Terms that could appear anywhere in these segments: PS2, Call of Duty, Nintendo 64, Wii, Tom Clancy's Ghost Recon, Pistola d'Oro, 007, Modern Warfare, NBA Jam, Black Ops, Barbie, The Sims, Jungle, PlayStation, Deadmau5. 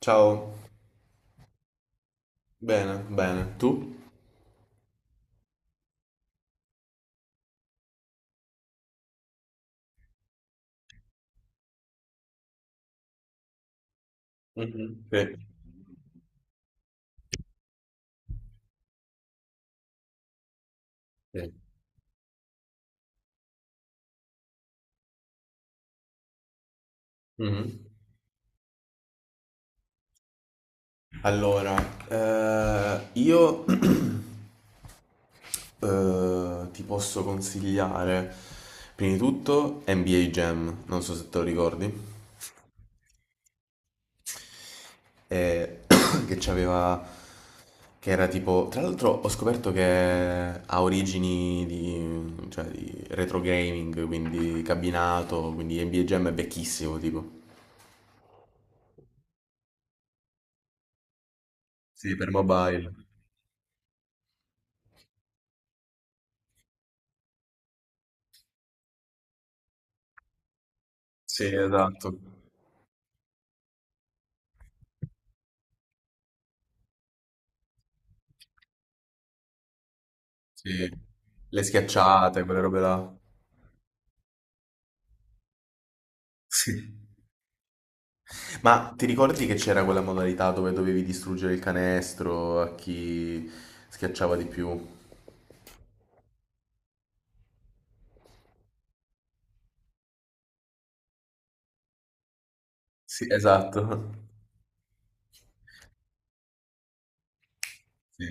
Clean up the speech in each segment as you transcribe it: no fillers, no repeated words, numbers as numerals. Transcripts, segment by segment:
Ciao, bene, bene. Tu? Mhm, sì, sì. Mhm. Allora, io ti posso consigliare, prima di tutto, NBA Jam, non so se te lo ricordi, eh, che c'aveva, che era tipo, tra l'altro ho scoperto che ha origini di, cioè, di retro gaming, quindi cabinato, quindi NBA Jam è vecchissimo, tipo. Sì, per mobile. Sì, esatto. Sì. Le schiacciate, quelle robe là. Sì. Ma ti ricordi che c'era quella modalità dove dovevi distruggere il canestro a chi schiacciava di più? Sì, esatto. Sì.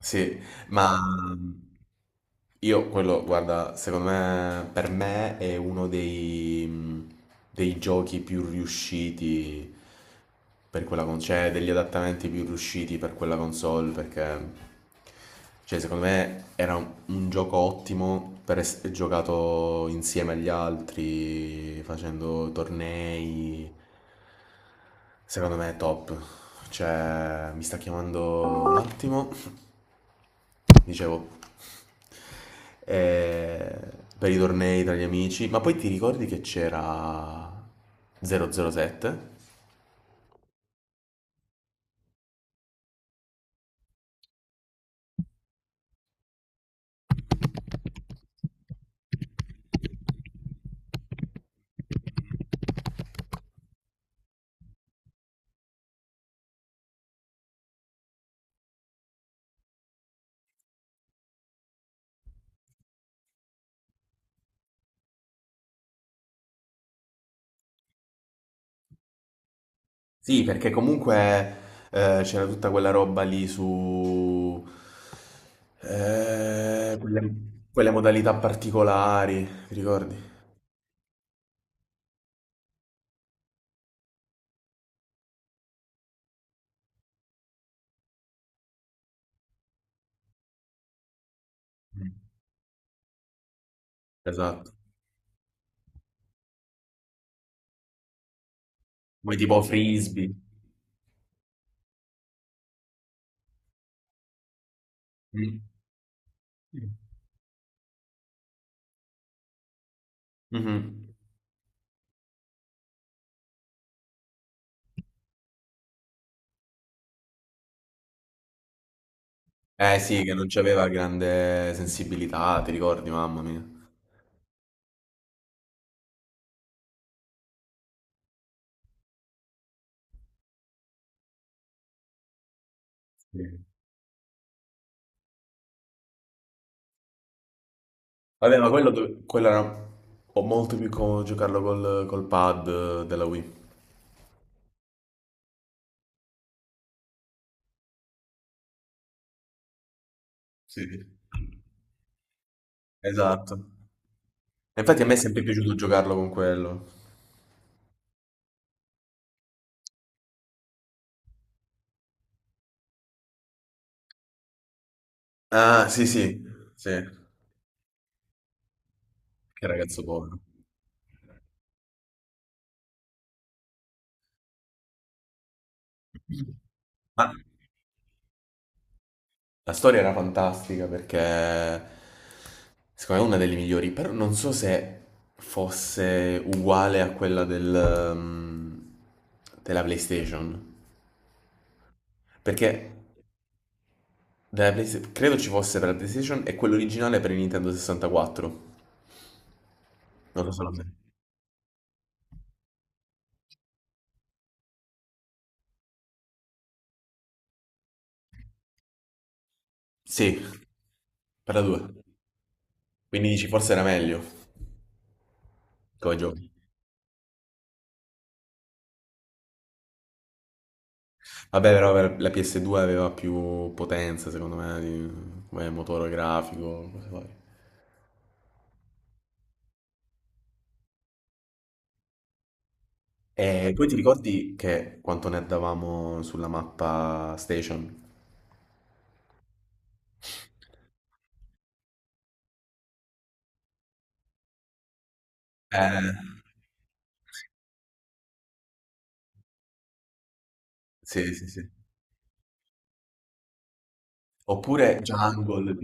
Sì, ma io quello, guarda, secondo me, per me è uno dei giochi più riusciti per quella console, cioè degli adattamenti più riusciti per quella console, perché, cioè, secondo me era un gioco ottimo per essere giocato insieme agli altri, facendo tornei. Secondo me è top. Cioè, mi sta chiamando un attimo, dicevo, eh, per i tornei tra gli amici, ma poi ti ricordi che c'era 007? Sì, perché comunque c'era tutta quella roba lì su, eh, quelle, quelle modalità particolari, ti ricordi? Mm. Esatto. Poi tipo frisbee. Mm. Mhm. Eh sì, che non c'aveva grande sensibilità, ti ricordi, mamma mia. Sì. Vabbè, ma quello, quello era ho molto più comodo giocarlo col pad della Wii. Sì. Esatto. E infatti a me è sempre piaciuto giocarlo con quello. Ah, sì, sì, sì. Che ragazzo povero. Ma la storia era fantastica perché secondo me è una delle migliori, però non so se fosse uguale a quella della PlayStation. Perché credo ci fosse per la PlayStation e quello originale per il Nintendo 64. Non lo so. Sì, per la 2. Quindi dici forse era meglio come gioco. Vabbè, però per la PS2 aveva più potenza, secondo me, come motore grafico, cose varie. E poi ti ricordi che quanto ne davamo sulla mappa Station? Eh, sì, sì, sì. Oppure Jungle.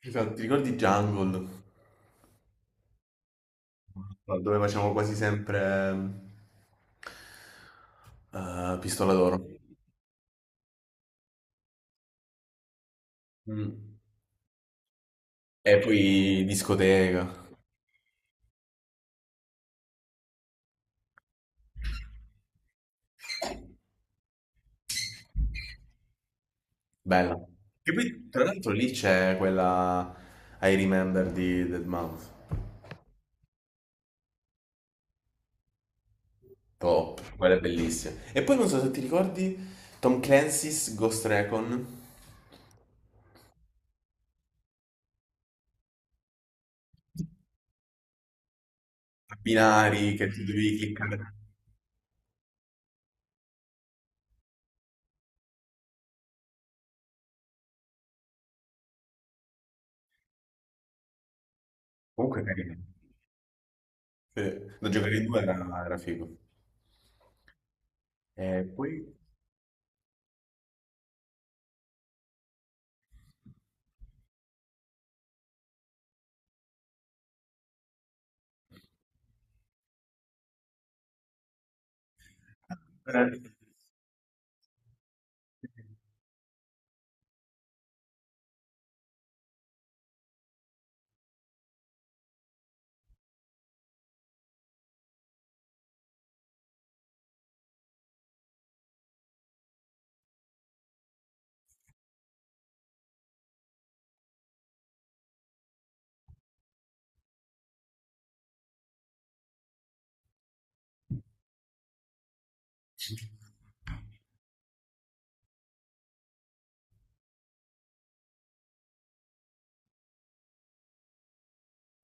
Esatto, ti ricordi Jungle? No, dove facciamo quasi sempre Pistola d'Oro. Mm. E poi discoteca, bella. Che poi, tra l'altro, lì c'è quella I Remember di Deadmau5, top, quella è bellissima. E poi non so se ti ricordi Tom Clancy's Ghost Recon, a binari che tu devi cliccare. Comunque è carino. Sì, da giocare in due era figo. E poi... Eh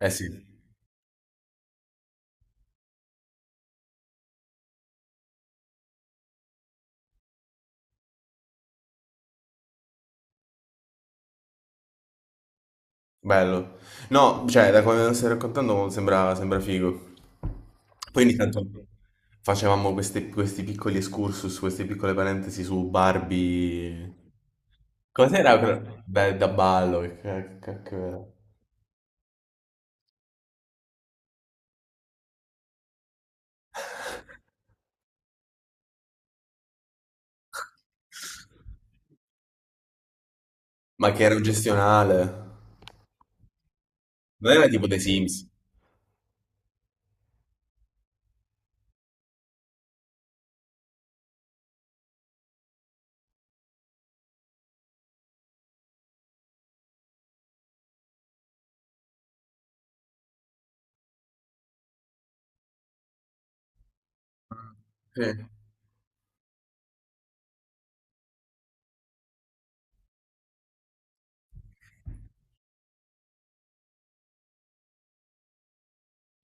eh sì. Bello. No, cioè, da come lo stai raccontando sembra figo. Poi ogni tanto facevamo questi piccoli excursus, queste piccole parentesi su Barbie. Cos'era? Beh, da ballo, che cacchio era? Ma che era gestionale. Non era tipo The Sims. Sì.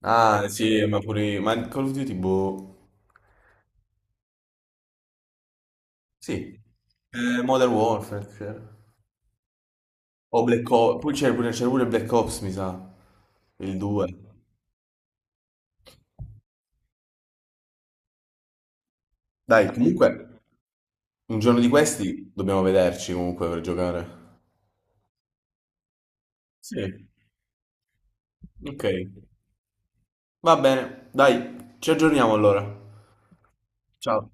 Ah, sì, ma pure... Ma Call of Duty, boh... Sì. Modern Warfare c'era. O Black Ops... Poi c'era pure Black Ops, mi sa. Il 2. Dai, comunque, un giorno di questi dobbiamo vederci comunque per giocare. Sì, ok. Va bene, dai, ci aggiorniamo allora. Ciao.